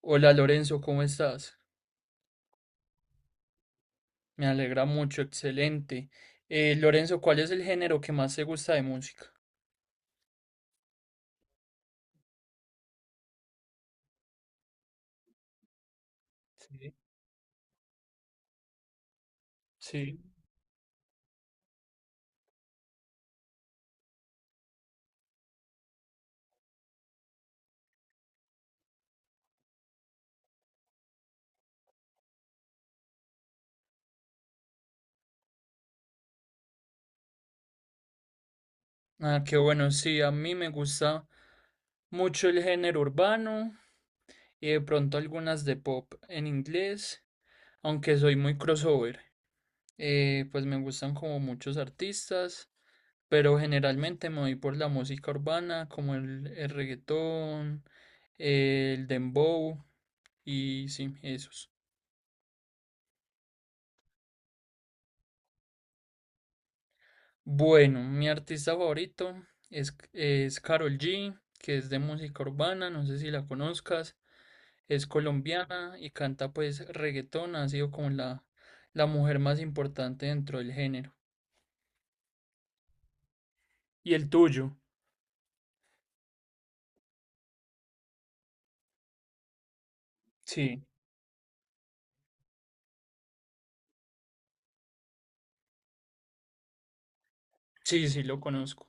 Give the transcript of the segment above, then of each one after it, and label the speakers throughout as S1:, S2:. S1: Hola Lorenzo, ¿cómo estás? Me alegra mucho, excelente. Lorenzo, ¿cuál es el género que más te gusta de música? Sí, sí. Ah, qué bueno, sí, a mí me gusta mucho el género urbano y de pronto algunas de pop en inglés, aunque soy muy crossover. Pues me gustan como muchos artistas, pero generalmente me voy por la música urbana, como el reggaetón, el dembow y sí, esos. Bueno, mi artista favorito es Karol G, que es de música urbana, no sé si la conozcas, es colombiana y canta pues reggaetón, ha sido como la mujer más importante dentro del género. ¿Y el tuyo? Sí, sí, sí, lo conozco.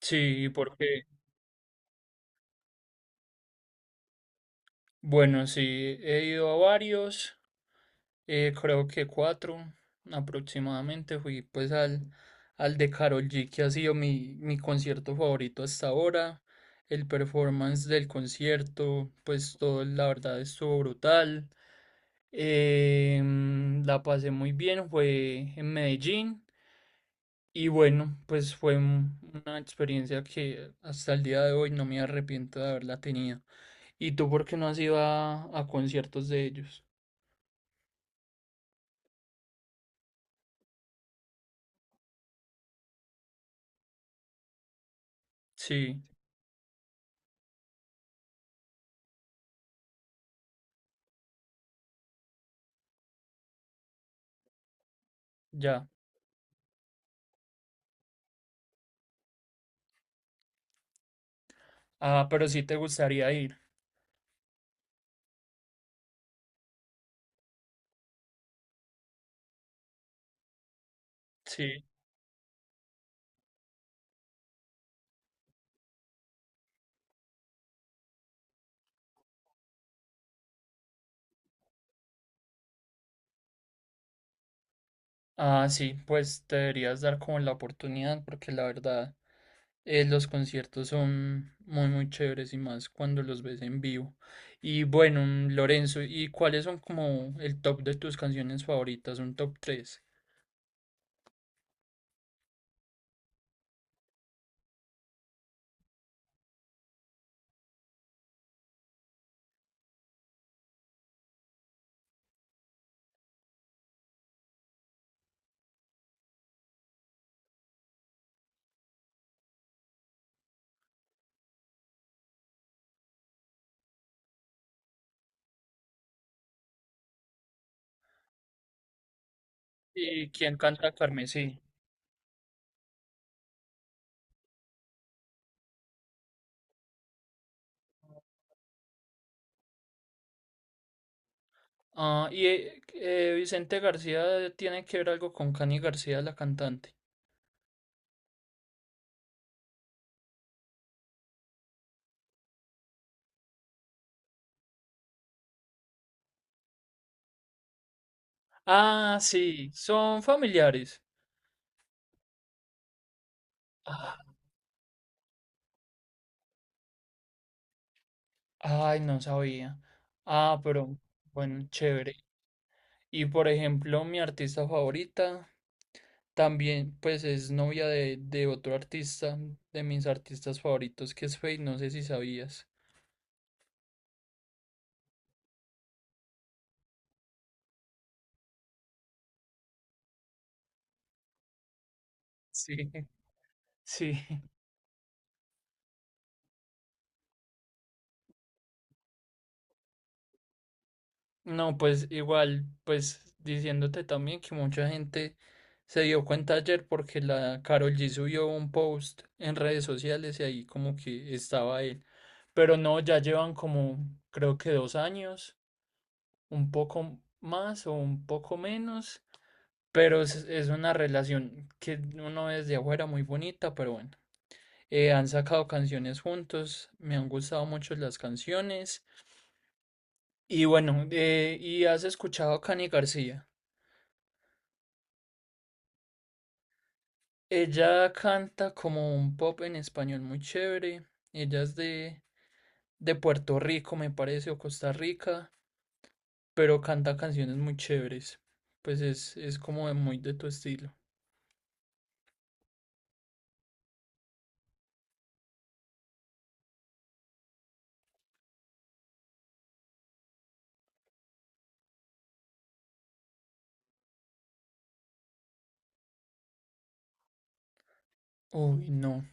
S1: Sí, porque, bueno, sí, he ido a varios. Creo que cuatro aproximadamente. Fui pues al de Karol G, que ha sido mi concierto favorito hasta ahora. El performance del concierto, pues todo la verdad estuvo brutal. La pasé muy bien, fue en Medellín. Y bueno, pues una experiencia que hasta el día de hoy no me arrepiento de haberla tenido. ¿Y tú por qué no has ido a conciertos de ellos? Sí, ya. Ah, pero sí te gustaría ir. Sí. Ah, sí, pues te deberías dar como la oportunidad porque la verdad los conciertos son muy muy chéveres y más cuando los ves en vivo. Y bueno, Lorenzo, ¿y cuáles son como el top de tus canciones favoritas? Un top tres. ¿Y quién canta Carmesí? Ah, y Vicente García tiene que ver algo con Cani García, la cantante. Ah, sí, son familiares. Ay, no sabía. Ah, pero bueno, chévere. Y por ejemplo, mi artista favorita también, pues es novia de otro artista, de mis artistas favoritos, que es Feid, no sé si sabías. Sí, sí. No, pues igual, pues diciéndote también que mucha gente se dio cuenta ayer porque la Karol G subió un post en redes sociales y ahí como que estaba él. Pero no, ya llevan como creo que dos años, un poco más o un poco menos, pero es una relación que uno ve desde afuera muy bonita, pero bueno. Han sacado canciones juntos, me han gustado mucho las canciones. Y bueno, ¿y has escuchado a Cani García? Ella canta como un pop en español muy chévere. Ella es de Puerto Rico, me parece, o Costa Rica, pero canta canciones muy chéveres. Pues es como de muy de tu estilo. Uy, no,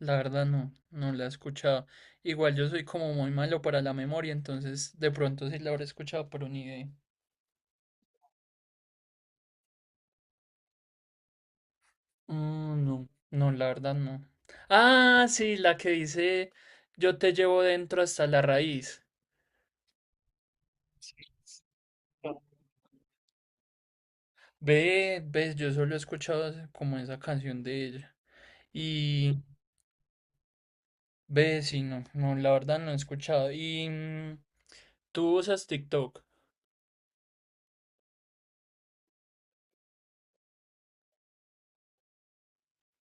S1: la verdad no, no la he escuchado. Igual yo soy como muy malo para la memoria, entonces de pronto sí la habré escuchado, pero ni idea. No, no, la verdad no. Ah, sí, la que dice yo te llevo dentro hasta la raíz. Ves, yo solo he escuchado como esa canción de ella. Y ve, sí, no, no, la verdad no he escuchado. Y ¿tú usas TikTok?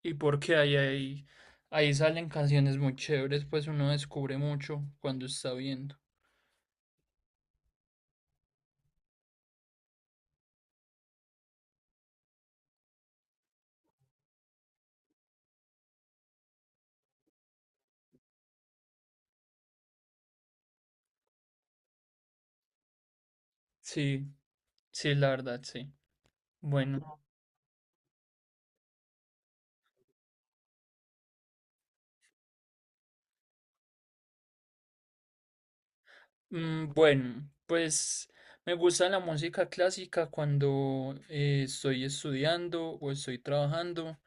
S1: Y porque ahí salen canciones muy chéveres, pues uno descubre mucho cuando está viendo. Sí, sí, la verdad, sí. Bueno, bueno, pues me gusta la música clásica cuando estoy estudiando o estoy trabajando,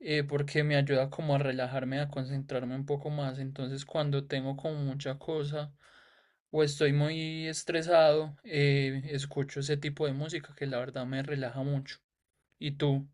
S1: porque me ayuda como a relajarme, a concentrarme un poco más. Entonces, cuando tengo como mucha cosa o estoy muy estresado, escucho ese tipo de música que la verdad me relaja mucho. ¿Y tú?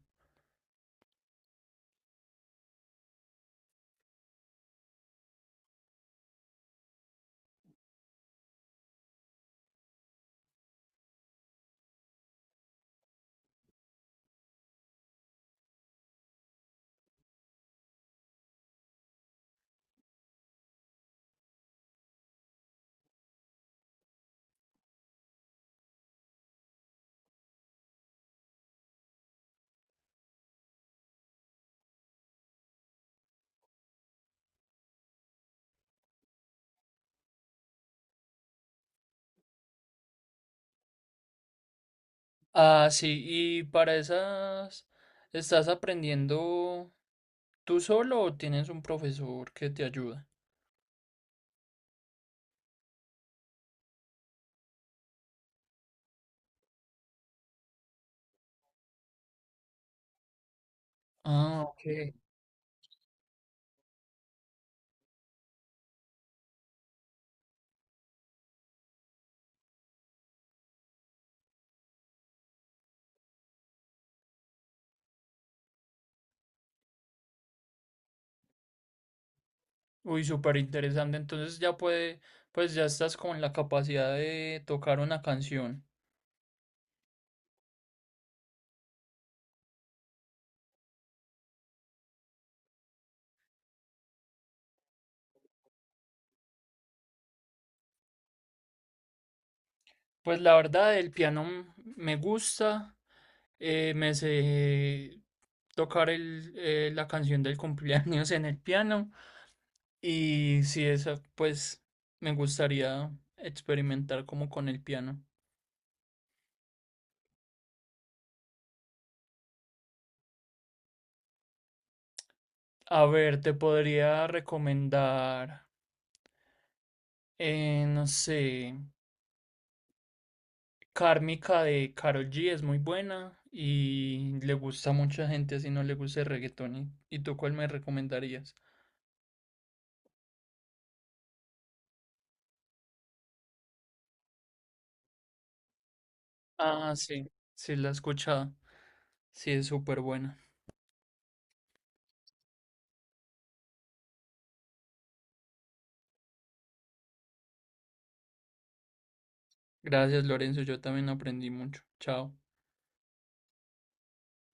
S1: Ah, sí, y para esas, ¿estás aprendiendo tú solo o tienes un profesor que te ayuda? Ah, ok. Uy, súper interesante. Entonces ya puede, pues ya estás con la capacidad de tocar una canción. Pues la verdad, el piano me gusta. Me sé tocar la canción del cumpleaños en el piano. Y si esa, pues me gustaría experimentar como con el piano. A ver, te podría recomendar, no sé, Kármica de Karol G es muy buena y le gusta a mucha gente, así no le gusta el reggaetón. Y tú cuál me recomendarías? Ah, sí, sí, la he escuchado. Sí, es súper buena. Gracias, Lorenzo, yo también aprendí mucho. Chao.